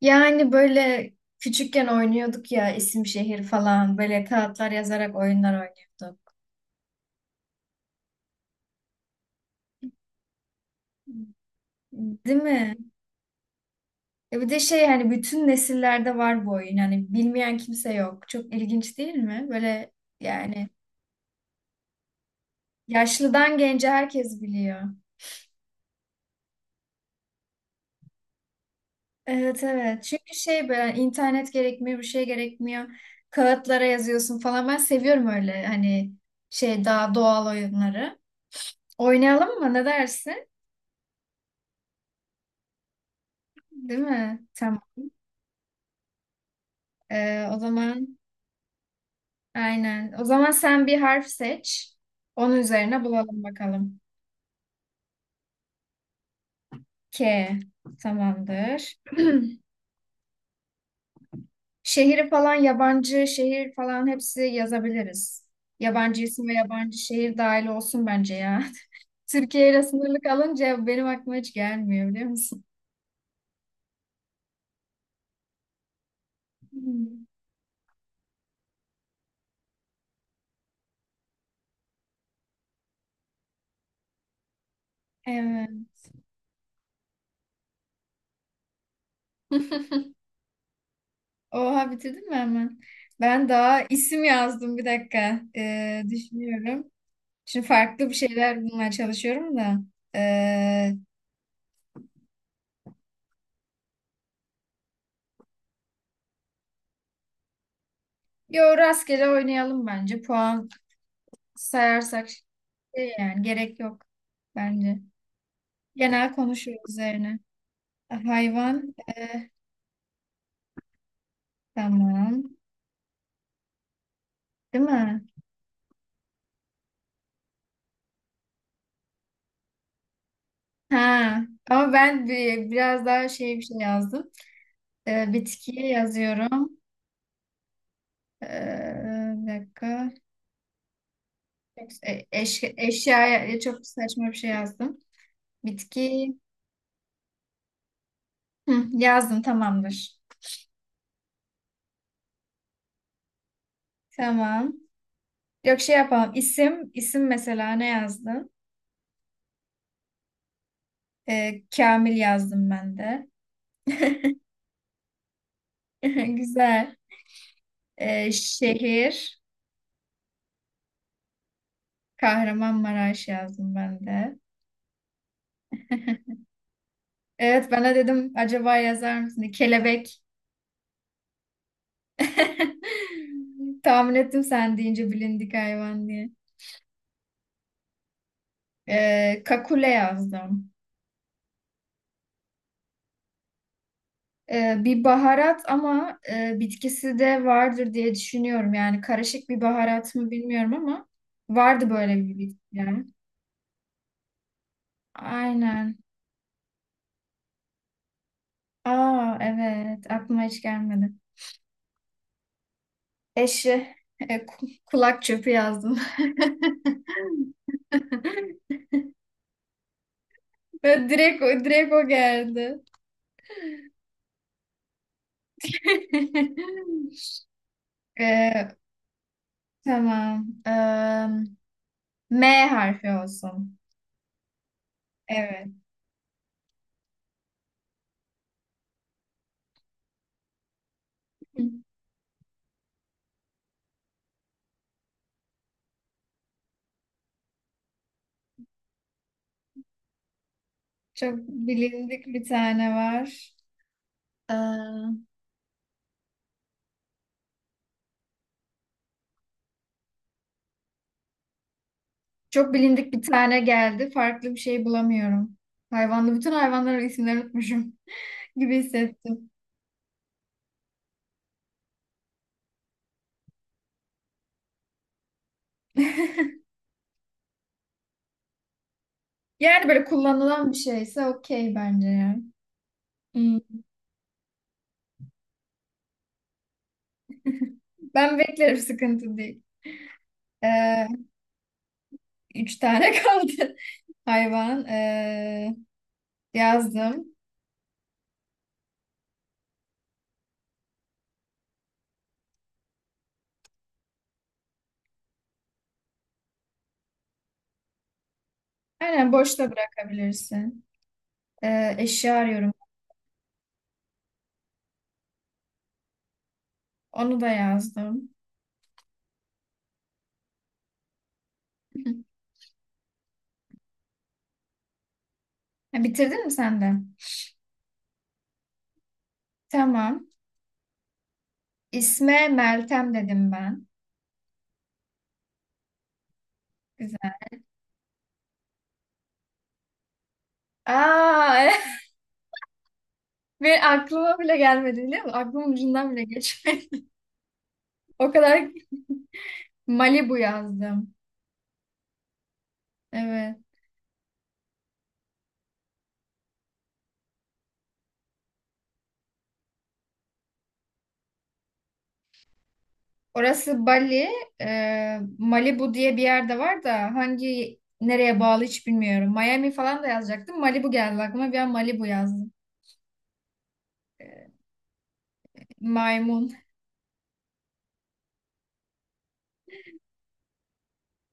Yani böyle küçükken oynuyorduk ya, isim şehir falan, böyle kağıtlar yazarak oyunlar oynuyorduk. Değil mi? E bir de hani bütün nesillerde var bu oyun. Hani bilmeyen kimse yok. Çok ilginç değil mi? Böyle yani yaşlıdan gence herkes biliyor. Evet, evet. Çünkü böyle internet gerekmiyor, bir şey gerekmiyor. Kağıtlara yazıyorsun falan. Ben seviyorum öyle hani daha doğal oyunları. Oynayalım mı? Ne dersin? Değil mi? Tamam. O zaman aynen. O zaman sen bir harf seç. Onun üzerine bulalım bakalım. K. Tamamdır. Şehri falan, yabancı şehir falan, hepsi yazabiliriz. Yabancı isim ve yabancı şehir dahil olsun bence ya. Türkiye ile sınırlı kalınca benim aklıma hiç gelmiyor, biliyor musun? Hmm. Evet. Oha, bitirdin mi hemen? Ben daha isim yazdım, bir dakika. Düşünüyorum. Şimdi farklı bir şeyler bulmaya çalışıyorum da. Ee, Yo, rastgele oynayalım bence. Puan sayarsak yani gerek yok bence. Genel konuşuyor üzerine. Hayvan, tamam. Değil mi? Ha. Ama ben biraz daha bir şey yazdım. E, bitkiye yazıyorum. E, bir dakika. Eşyaya çok saçma bir şey yazdım. Bitki. Hı, yazdım, tamamdır. Tamam. Yok, şey yapalım. İsim mesela ne yazdın? Kamil yazdım ben de. Güzel. Şehir, Kahramanmaraş yazdım ben de. Evet, bana dedim acaba yazar mısın diye. Kelebek. Tahmin ettim sen deyince bilindik hayvan diye. Kakule yazdım. Bir baharat ama bitkisi de vardır diye düşünüyorum. Yani karışık bir baharat mı bilmiyorum ama vardı böyle bir bitki. Yani. Aynen. Aa, evet, aklıma hiç gelmedi. Eşi. Kulak çöpü yazdım. Ve direkt, direkt o geldi. E, tamam. E, M harfi olsun. Evet. Çok bilindik bir tane var. E, Çok bilindik bir tane geldi. Farklı bir şey bulamıyorum. Hayvanlı. Bütün hayvanların isimlerini unutmuşum gibi hissettim. Yani böyle kullanılan bir şeyse okey bence ya. Hmm. Ben beklerim, sıkıntı değil. Üç tane kaldı hayvan. Yazdım. Aynen, boşta bırakabilirsin. Eşya arıyorum. Onu da yazdım. Ha, bitirdin mi sen de? Tamam. İsme Meltem dedim ben. Güzel. Aa, bir aklıma bile gelmedi biliyor musun? Aklımın ucundan bile geçmedi. O kadar Malibu yazdım. Evet. Orası Bali, Malibu diye bir yerde var da hangi nereye bağlı hiç bilmiyorum. Miami falan da yazacaktım. Malibu geldi aklıma. Bir an Malibu yazdım. Maymun.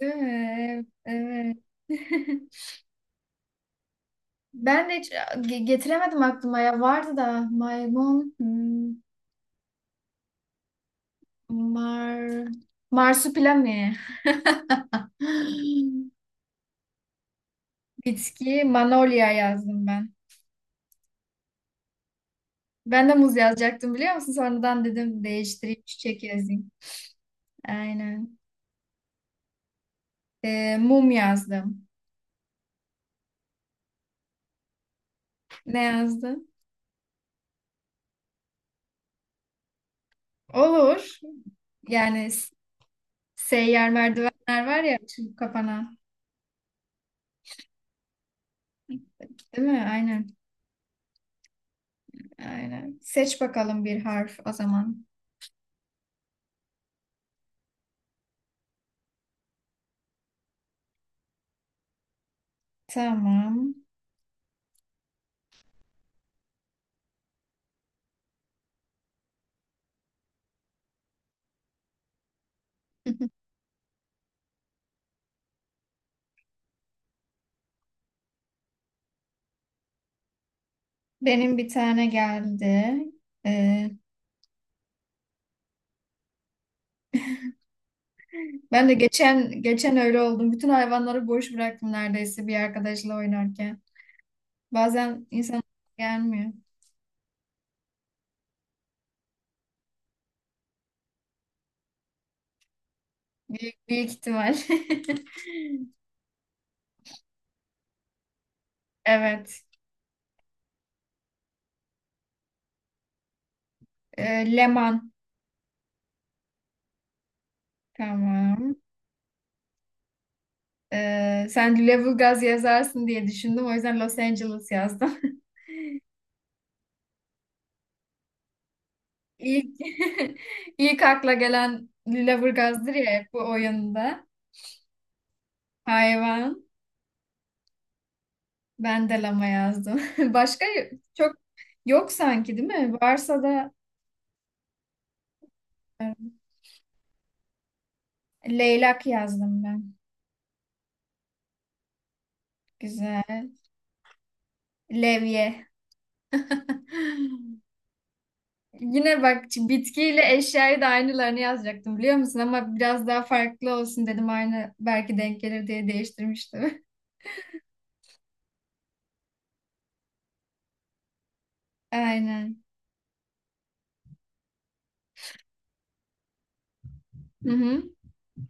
Değil mi? Evet. Ben de hiç getiremedim aklıma ya. Vardı da maymun, hmm, mar, marsupilami. Bitki, manolya yazdım ben. Ben de muz yazacaktım biliyor musun? Sonradan dedim değiştireyim, çiçek yazayım. Aynen. Mum yazdım. Ne yazdım? Olur. Yani s- Seyyar merdivenler var ya, açılıp kapanan. Değil mi? Aynen. Aynen. Seç bakalım bir harf o zaman. Tamam. Benim bir tane geldi. Ee, Ben de geçen öyle oldum. Bütün hayvanları boş bıraktım neredeyse bir arkadaşla oynarken. Bazen insan gelmiyor. Büyük ihtimal. Evet. Leman. Tamam. Sen Lüleburgaz yazarsın diye düşündüm. O yüzden Los Angeles yazdım. İlk, ilk akla gelen Lüleburgaz'dır ya hep bu oyunda. Hayvan. Ben de lama yazdım. Başka çok yok sanki değil mi? Varsa da e, leylak yazdım ben. Güzel. Levye. Yine bak, bitkiyle eşyayı da aynılarını yazacaktım biliyor musun? Ama biraz daha farklı olsun dedim. Aynı belki denk gelir diye değiştirmiştim. Aynen. Hı hı.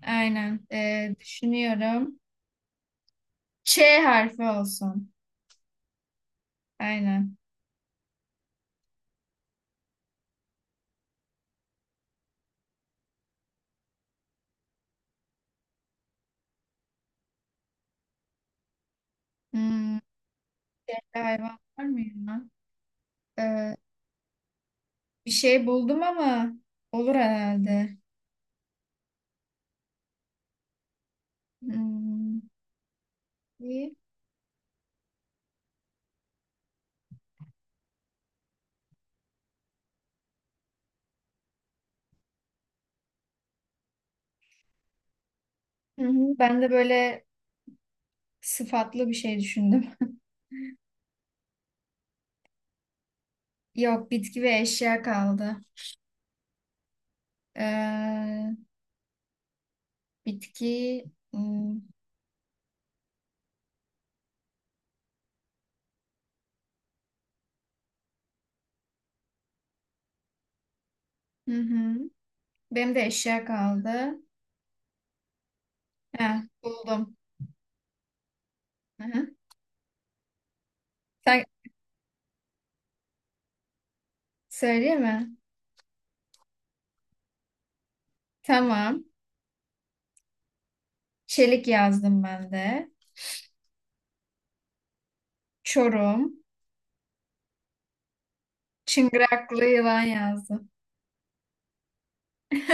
Aynen. Düşünüyorum. Ç harfi olsun. Aynen. Hmm, bir hayvan var mı ya? Ee, Bir şey buldum ama olur herhalde. Hmm, iyi. Hı hı. Ben de böyle sıfatlı bir şey düşündüm. Yok, bitki ve eşya kaldı. Ee, Bitki. Hmm. Hı hı. Benim de eşya kaldı. Heh, buldum. Hı hı. Sen, söyleyeyim mi? Tamam. Çelik yazdım ben de. Çorum. Çıngıraklı yılan yazdım.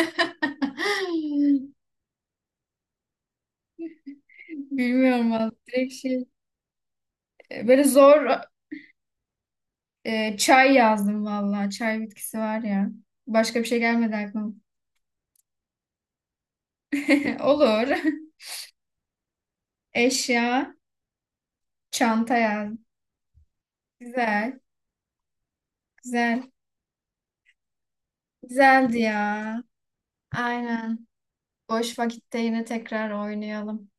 Bilmiyorum vallahi. Direkt şey. Böyle zor çay yazdım valla. Çay bitkisi var ya. Başka bir şey gelmedi aklıma. Olur. Eşya. Çanta yazdım. Güzel. Güzel. Güzeldi ya. Aynen. Boş vakitte yine tekrar oynayalım.